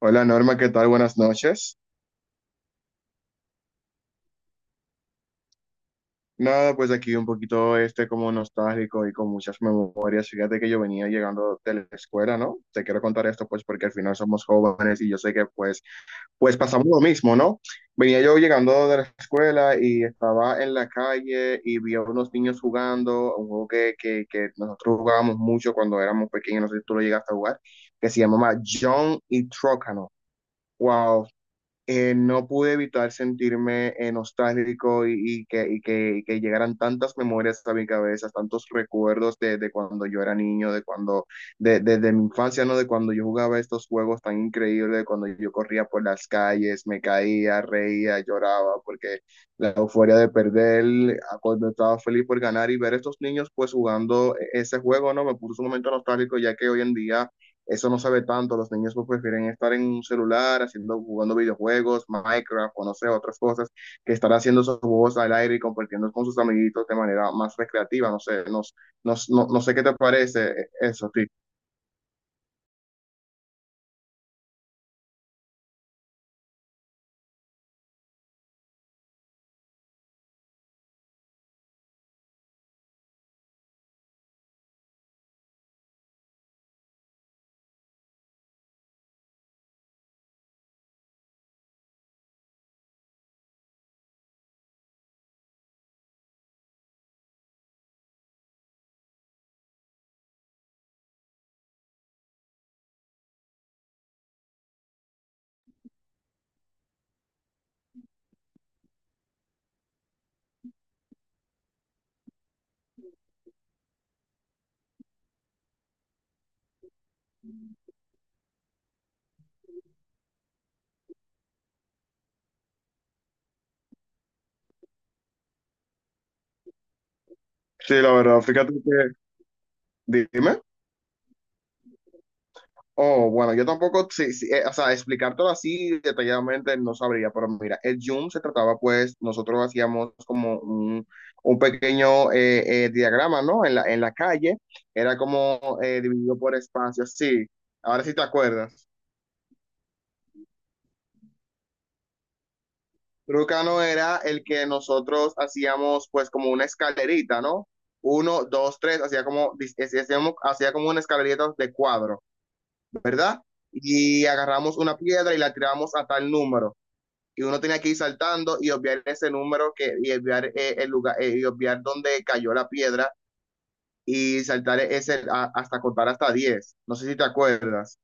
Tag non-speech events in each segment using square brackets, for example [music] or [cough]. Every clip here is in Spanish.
Hola Norma, ¿qué tal? Buenas noches. Nada, pues aquí un poquito este como nostálgico y con muchas memorias. Fíjate que yo venía llegando de la escuela, ¿no? Te quiero contar esto pues porque al final somos jóvenes y yo sé que pues pasamos lo mismo, ¿no? Venía yo llegando de la escuela y estaba en la calle y vi a unos niños jugando, un juego que nosotros jugábamos mucho cuando éramos pequeños, no sé si tú lo llegaste a jugar, que se llamaba John y Trócano. Wow, no pude evitar sentirme nostálgico y que llegaran tantas memorias a mi cabeza, tantos recuerdos de cuando yo era niño, de cuando, de mi infancia, ¿no? De cuando yo jugaba estos juegos tan increíbles, de cuando yo corría por las calles, me caía, reía, lloraba, porque la euforia de perder, a cuando estaba feliz por ganar y ver estos niños pues jugando ese juego, ¿no? Me puso un momento nostálgico, ya que hoy en día eso no sabe tanto, los niños pues prefieren estar en un celular haciendo, jugando videojuegos, Minecraft o no sé, otras cosas, que estar haciendo esos juegos al aire y compartiendo con sus amiguitos de manera más recreativa, no sé, no sé qué te parece eso, sí. Sí, la verdad, fíjate que, dime. Oh, bueno, yo tampoco, sí, sí, o sea, explicártelo así detalladamente no sabría, pero mira, el Zoom se trataba, pues, nosotros hacíamos como un pequeño diagrama, ¿no? En la calle, era como dividido por espacios, sí, ahora sí te acuerdas. Trucano era el que nosotros hacíamos, pues, como una escalerita, ¿no? Uno, dos, tres, hacía como una escalerita de cuadro, ¿verdad? Y agarramos una piedra y la tiramos a tal número. Y uno tenía que ir saltando y obviar ese número y obviar el lugar y obviar dónde cayó la piedra y saltar hasta contar hasta diez. No sé si te acuerdas.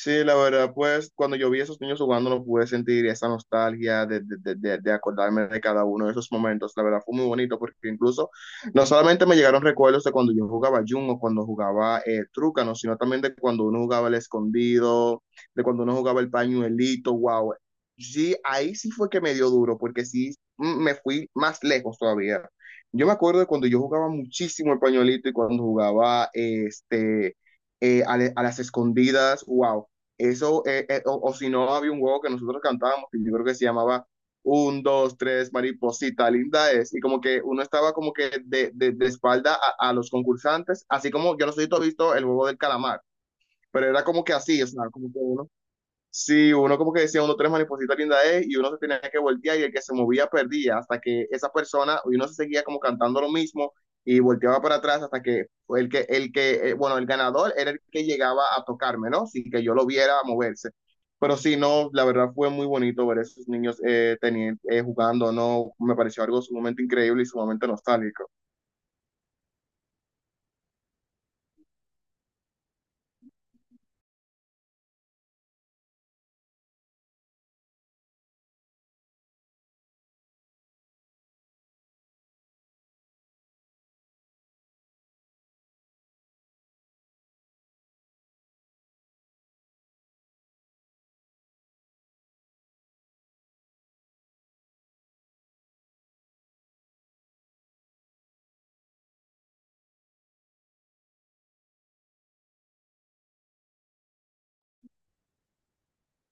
Sí, la verdad, pues cuando yo vi a esos niños jugando, no pude sentir esa nostalgia de acordarme de cada uno de esos momentos. La verdad, fue muy bonito porque incluso no solamente me llegaron recuerdos de cuando yo jugaba Jumbo, cuando jugaba Trucano, sino también de cuando uno jugaba el escondido, de cuando uno jugaba el pañuelito, wow. Sí, ahí sí fue que me dio duro porque sí me fui más lejos todavía. Yo me acuerdo de cuando yo jugaba muchísimo el pañuelito y cuando jugaba a las escondidas, wow, eso, o si no, había un juego que nosotros cantábamos, que yo creo que se llamaba un, dos, tres, mariposita, linda es. Y como que uno estaba como que de espalda los concursantes, así como yo no sé si tú has visto el juego del calamar, pero era como que así, o sea, como que uno. Sí, uno como que decía, uno tres mariposita linda es, y uno se tenía que voltear y el que se movía perdía, hasta que esa persona, y uno se seguía como cantando lo mismo y volteaba para atrás hasta que fue bueno, el ganador era el que llegaba a tocarme, ¿no? Sin que yo lo viera moverse. Pero sí, no, la verdad fue muy bonito ver a esos niños jugando, ¿no? Me pareció algo sumamente increíble y sumamente nostálgico.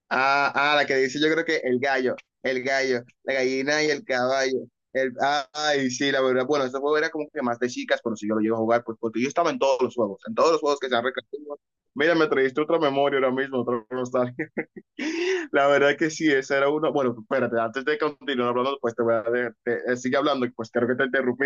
Ah, ah, la que dice yo creo que el gallo, la gallina y el caballo. Ah, ay, sí, la verdad. Bueno, este juego era como que más de chicas, pero si yo lo llevo a jugar, pues porque yo estaba en todos los juegos, en todos los juegos que se han recreado. Mira, me trajiste otra memoria ahora mismo, otra nostalgia. [laughs] La verdad que sí, esa era una. Bueno, espérate, antes de continuar hablando, pues te voy a. Sigue hablando, pues creo que te interrumpí.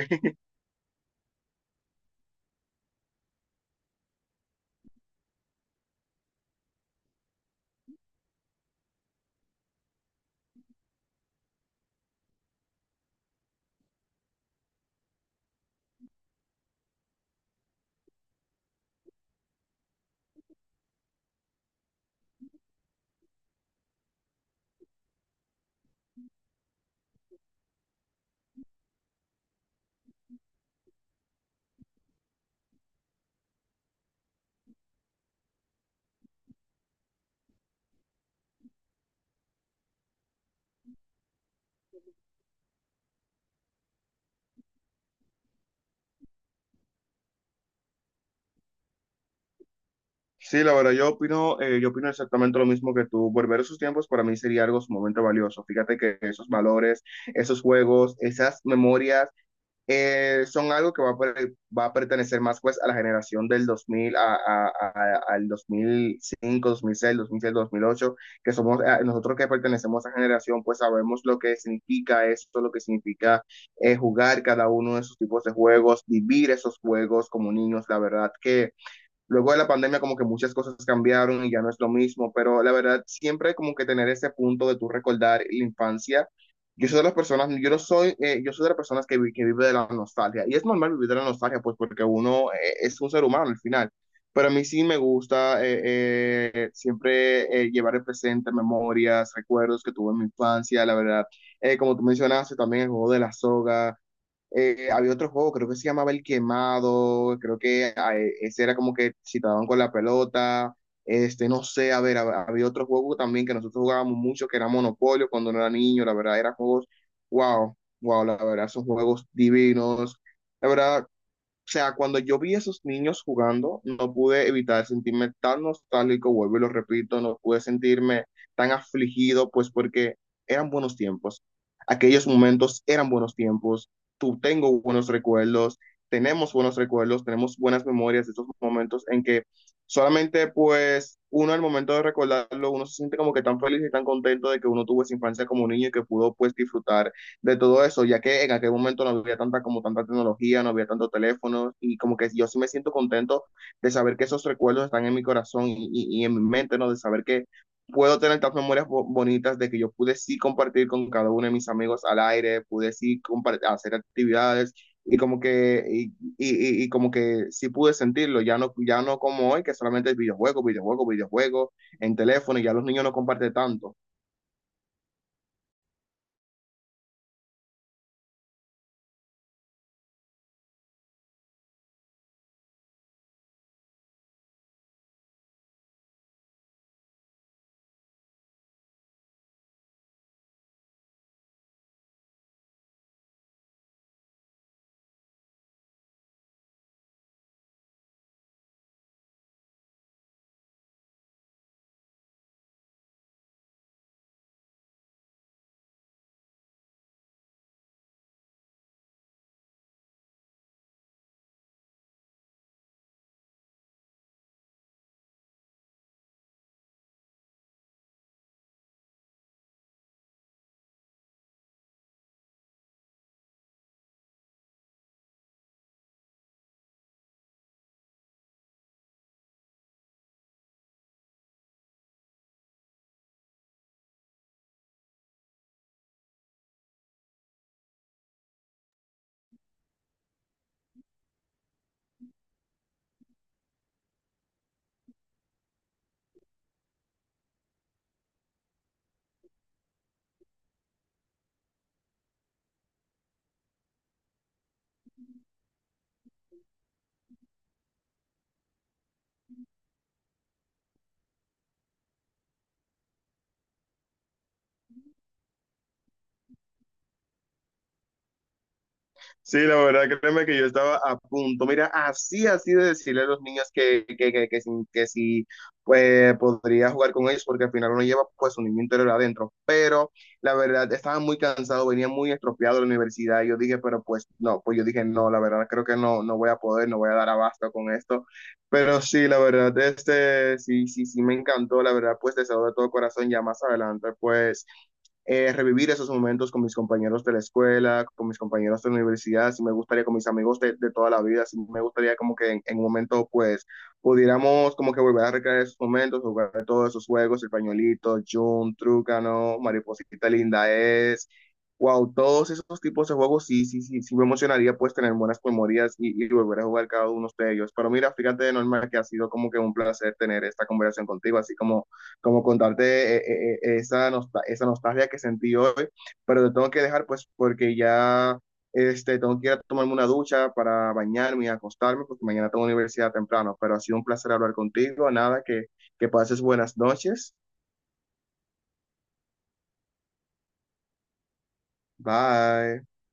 Sí, la verdad, yo opino exactamente lo mismo que tú. Volver a esos tiempos para mí sería algo sumamente valioso. Fíjate que esos valores, esos juegos, esas memorias, son algo que va a pertenecer más pues a la generación del 2000 al 2005, 2006, 2007, 2008, que somos, nosotros que pertenecemos a esa generación, pues sabemos lo que significa esto, lo que significa jugar cada uno de esos tipos de juegos, vivir esos juegos como niños, la verdad que. Luego de la pandemia como que muchas cosas cambiaron y ya no es lo mismo, pero la verdad siempre como que tener ese punto de tú recordar la infancia. Yo soy de las personas, yo no soy, yo soy de las personas que vive de la nostalgia y es normal vivir de la nostalgia pues porque uno es un ser humano al final. Pero a mí sí me gusta siempre llevar el presente, memorias, recuerdos que tuve en mi infancia, la verdad. Como tú mencionaste, también el juego de la soga, había otro juego, creo que se llamaba El Quemado, creo que ese era como que si te daban con la pelota, no sé, a ver, había otro juego también que nosotros jugábamos mucho, que era Monopolio cuando no era niño, la verdad, eran juegos, wow, wow, la verdad, son juegos divinos, la verdad, o sea, cuando yo vi a esos niños jugando, no pude evitar sentirme tan nostálgico, vuelvo y lo repito, no pude sentirme tan afligido, pues porque eran buenos tiempos. Aquellos momentos eran buenos tiempos. Tú Tengo buenos recuerdos, tenemos buenas memorias de esos momentos en que solamente pues uno al momento de recordarlo, uno se siente como que tan feliz y tan contento de que uno tuvo esa infancia como niño y que pudo pues disfrutar de todo eso, ya que en aquel momento no había tanta como tanta tecnología, no había tantos teléfonos y como que yo sí me siento contento de saber que esos recuerdos están en mi corazón y en mi mente, ¿no? De saber que puedo tener tantas memorias bonitas de que yo pude sí compartir con cada uno de mis amigos al aire, pude sí hacer actividades y como que sí pude sentirlo, ya no como hoy que solamente es videojuego, videojuego, videojuego en teléfono y ya los niños no comparten tanto. Sí, la verdad, créeme que yo estaba a punto. Mira, así, así de decirle a los niños que si, pues, podría jugar con ellos, porque al final uno lleva pues su niño interior adentro. Pero la verdad, estaba muy cansado, venía muy estropeado de la universidad. Y yo dije, pero pues no, pues yo dije, no, la verdad, creo que no, no voy a poder, no voy a dar abasto con esto. Pero sí, la verdad, sí, sí, sí, me encantó, la verdad, pues deseo de todo corazón, ya más adelante, pues revivir esos momentos con mis compañeros de la escuela, con mis compañeros de la universidad, si me gustaría con mis amigos de toda la vida, si me gustaría como que un momento pues pudiéramos como que volver a recrear esos momentos, jugar todos esos juegos, el pañuelito, Jun, Trucano, Mariposita Linda es, wow, todos esos tipos de juegos sí, sí, sí, sí me emocionaría pues tener buenas memorias y volver a jugar cada uno de ellos. Pero mira, fíjate de normal que ha sido como que un placer tener esta conversación contigo, así como contarte esa nostalgia que sentí hoy, pero te tengo que dejar pues porque ya tengo que ir a tomarme una ducha para bañarme y acostarme porque mañana tengo universidad temprano, pero ha sido un placer hablar contigo, nada, que pases buenas noches, bye.